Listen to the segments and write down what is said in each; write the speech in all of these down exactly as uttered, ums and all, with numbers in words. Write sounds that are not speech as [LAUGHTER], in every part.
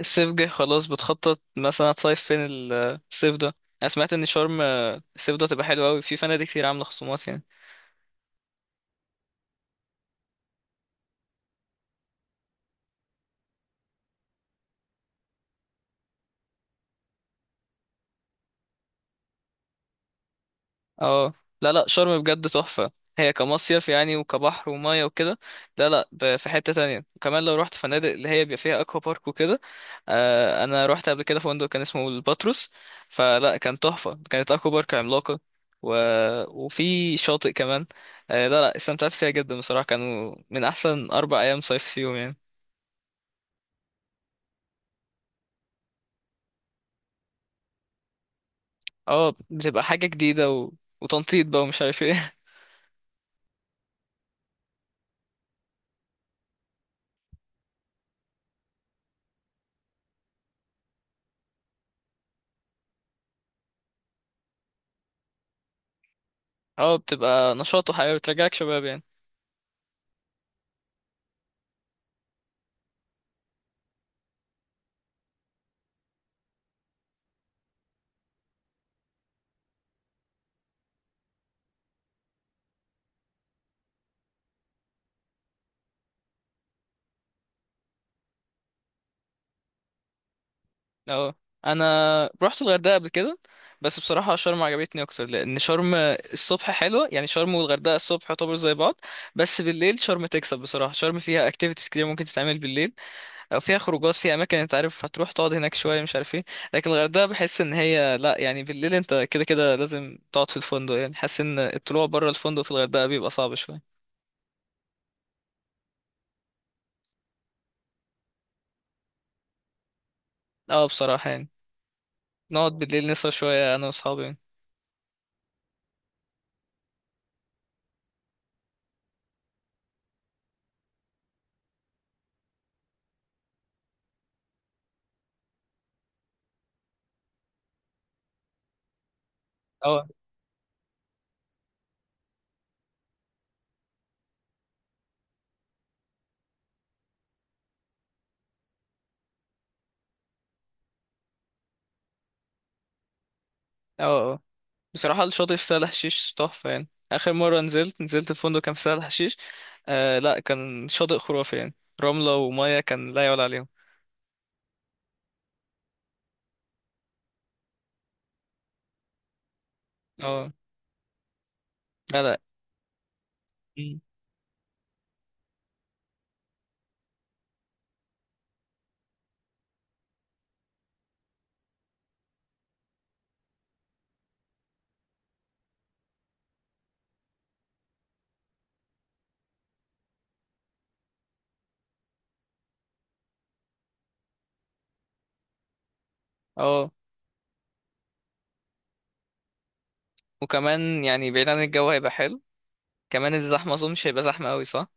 الصيف جه خلاص، بتخطط مثلا هتصيف فين ال- الصيف ده؟ انا سمعت ان شرم، آه، الصيف ده تبقى حلوه قوي، في فنادق كتير عامله خصومات يعني. اه، لا لا شرم بجد تحفه. هي كمصيف يعني، وكبحر وميه وكده. لا لا ب- في حته تانية، وكمان لو رحت فنادق اللي هي بيبقى فيها اكوا بارك وكده. آه، انا رحت قبل كده فندق كان اسمه الباتروس، فلا كان تحفه، كانت اكوا بارك عملاقه و... وفي شاطئ كمان. آه، لا لا، استمتعت فيها جدا بصراحه، كانوا من احسن اربع ايام صيفت فيهم يعني. اه بتبقى حاجة جديدة و... وتنطيط بقى ومش عارف ايه. [LAUGHS] اه بتبقى نشاط وحياة بترجعك شباب يعني. اه، انا رحت الغردقة قبل كده، بس بصراحة شرم عجبتني اكتر، لان شرم الصبح حلوة يعني. شرم والغردقة الصبح يعتبر زي بعض، بس بالليل شرم تكسب بصراحة. شرم فيها اكتيفيتيز كتير ممكن تتعمل بالليل، او فيها خروجات، فيها اماكن انت عارف هتروح تقعد هناك شوية مش عارف ايه. لكن الغردقة بحس ان هي لا يعني، بالليل انت كده كده لازم تقعد في الفندق يعني. حاسس ان الطلوع بره الفندق في الغردقة بيبقى صعب شوية. اه بصراحة يعني، نقعد بالليل نسهر شوية أنا وأصحابي يعني. اه اه. اه بصراحة، الشاطئ في سهل حشيش تحفة يعني. آخر مرة نزلت، نزلت الفندق كان في سهل حشيش، آه لا كان شاطئ خرافي يعني، رملة ومية كان لا يعلى عليهم. اه. لا لا. مم. اه. وكمان يعني بعيد عن الجو هيبقى حلو. كمان الزحمة أظن مش هيبقى زحمة أوي، صح؟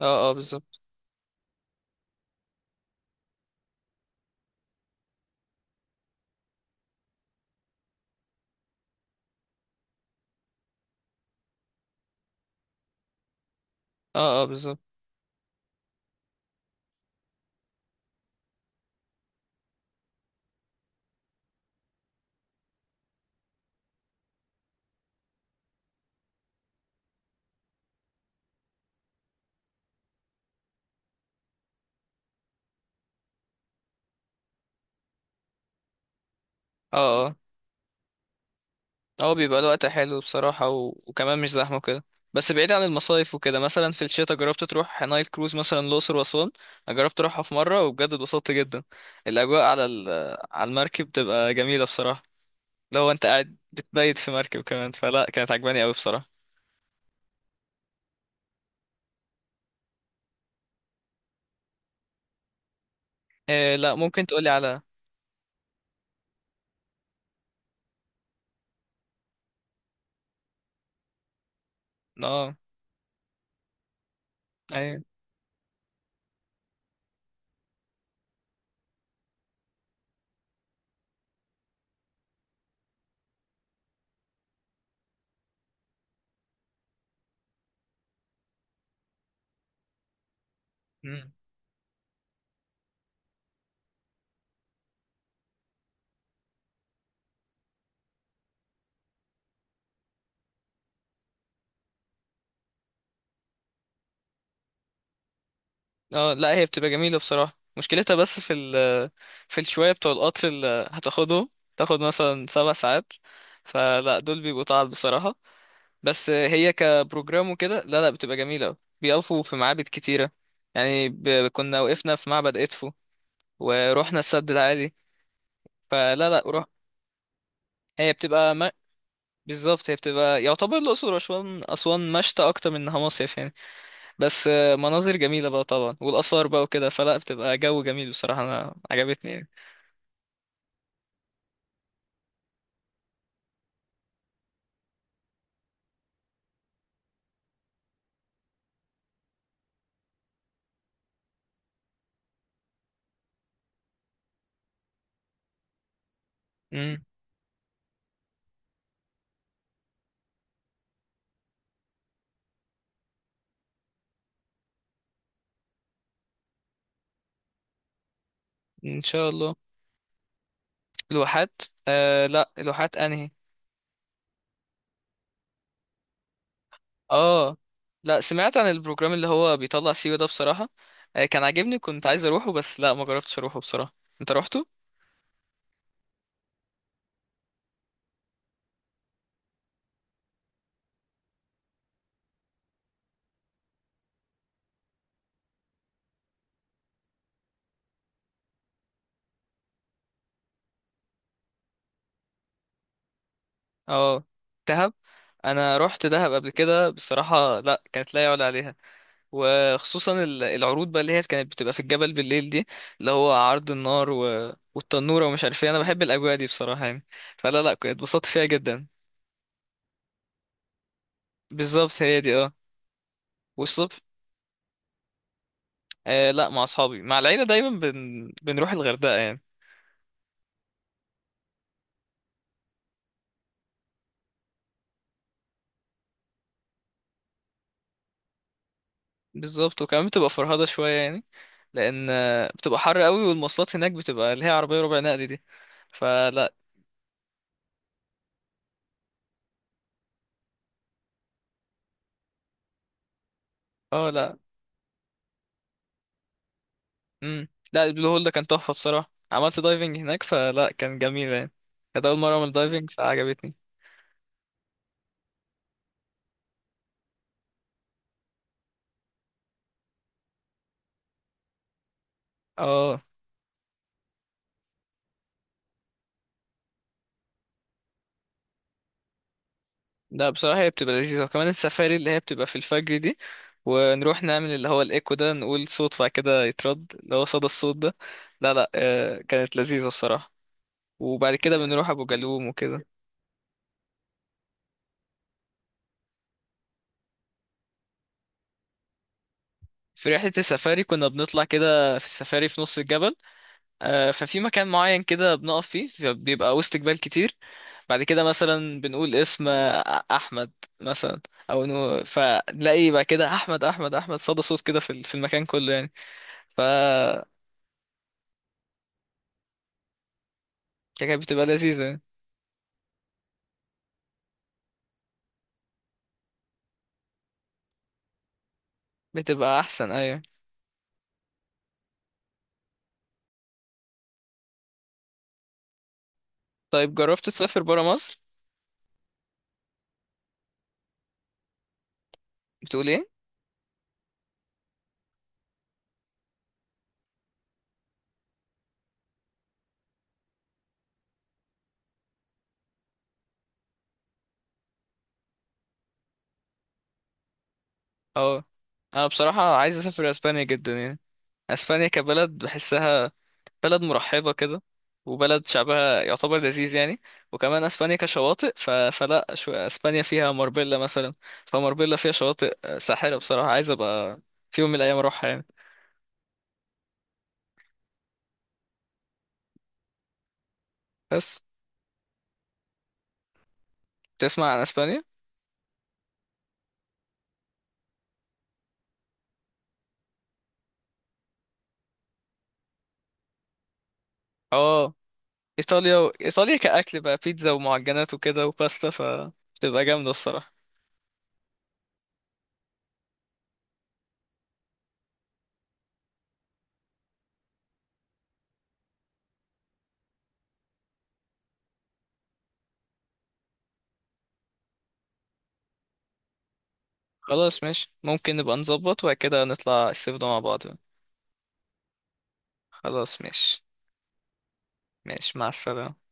اه اه بالظبط. اه اه بالظبط. اه اه، بيبقى الوقت حلو بصراحة و... وكمان مش زحمة كده. بس بعيد عن المصايف وكده، مثلا في الشتاء جربت تروح نايل كروز مثلا الأقصر وأسوان؟ أنا جربت أروحها في مرة وبجد اتبسطت جدا. الأجواء على ال... على المركب بتبقى جميلة بصراحة. لو أنت قاعد بتبيت في مركب كمان، فلا كانت عجباني أوي بصراحة. إيه؟ لا ممكن تقولي على. اه. ايوه. مم. اه لا هي بتبقى جميلة بصراحة، مشكلتها بس في ال... في الشوية بتوع القطر اللي هتاخده، تاخد مثلا سبع ساعات، فلا دول بيبقوا تعب بصراحة. بس هي كبروجرام وكده لا لا بتبقى جميلة أوي. بيقفوا في معابد كتيرة يعني، ب... كنا وقفنا في معبد إدفو ورحنا السد العالي. فلا لا روح. هي بتبقى ما... بالظبط، هي بتبقى يعتبر الأقصر وأسوان، أسوان مشتى أكتر من إنها مصيف يعني. بس مناظر جميلة بقى طبعا والآثار بقى وكده، فلا بتبقى جو جميل بصراحة، أنا عجبتني يعني. امم. ان شاء الله. لوحات؟ آه لا، لوحات انهي؟ اه، لا سمعت عن البروجرام اللي هو بيطلع سيوة ده بصراحة، آه، كان عاجبني، كنت عايز اروحه بس لا ما جربتش اروحه بصراحة. انت روحته؟ اه. دهب. انا روحت دهب قبل كده بصراحة، لا كانت لا يعلى عليها. وخصوصا ال- العروض بقى اللي هي كانت بتبقى في الجبل بالليل دي، اللي هو عرض النار و... والتنورة ومش عارف ايه، انا بحب الاجواء دي بصراحة يعني. فلا لا كنت اتبسطت فيها جدا. بالظبط هي دي، اه. والصبح، آه لا مع اصحابي. مع العيلة دايما بن... بنروح الغردقة يعني. بالظبط، وكمان بتبقى فرهضة شوية يعني، لأن آه، بتبقى حر قوي، والمواصلات هناك بتبقى اللي هي عربية ربع نقل دي. فلا اه لا. امم. لا البلو هول ده كان تحفة بصراحة، عملت دايفنج هناك فلا كان جميل يعني. كانت أول مرة أعمل دايفنج فعجبتني. اه. لا بصراحة هي بتبقى لذيذة، وكمان السفاري اللي هي بتبقى في الفجر دي، ونروح نعمل اللي هو الإيكو ده، نقول صوت بعد كده يترد، اللي هو صدى الصوت ده. لا لا، آه، كانت لذيذة بصراحة. وبعد كده بنروح أبو جالوم وكده. في رحلة السفاري كنا بنطلع كده في السفاري في نص الجبل، آه، ففي مكان معين كده بنقف فيه، بيبقى وسط جبال كتير، بعد كده مثلا بنقول اسم، آه، أحمد مثلا، أو نو، فنلاقي بقى كده أحمد أحمد أحمد صدى صوت كده في ال- في المكان كله يعني. ف كانت بتبقى لذيذة يعني. بتبقى أحسن أيوة. طيب جربت تسافر برا مصر؟ بتقول إيه؟ أه. أنا بصراحة عايز أسافر أسبانيا جدا يعني. أسبانيا كبلد بحسها بلد مرحبة كده، وبلد شعبها يعتبر لذيذ يعني. وكمان اسبانيا كشواطئ، ف... فلا شو... اسبانيا فيها ماربيلا مثلا، فماربيلا فيها شواطئ آه، ساحرة بصراحة، عايز ابقى في يوم من الايام اروحها يعني. بس تسمع عن اسبانيا؟ اه ايطاليا و... ايطاليا كاكل بقى بيتزا ومعجنات وكده وباستا فتبقى جامدة الصراحة. خلاص ماشي، ممكن نبقى نظبط وبعد كده نطلع الصيف ده مع بعض. خلاص ماشي. ماشي مع السلامة.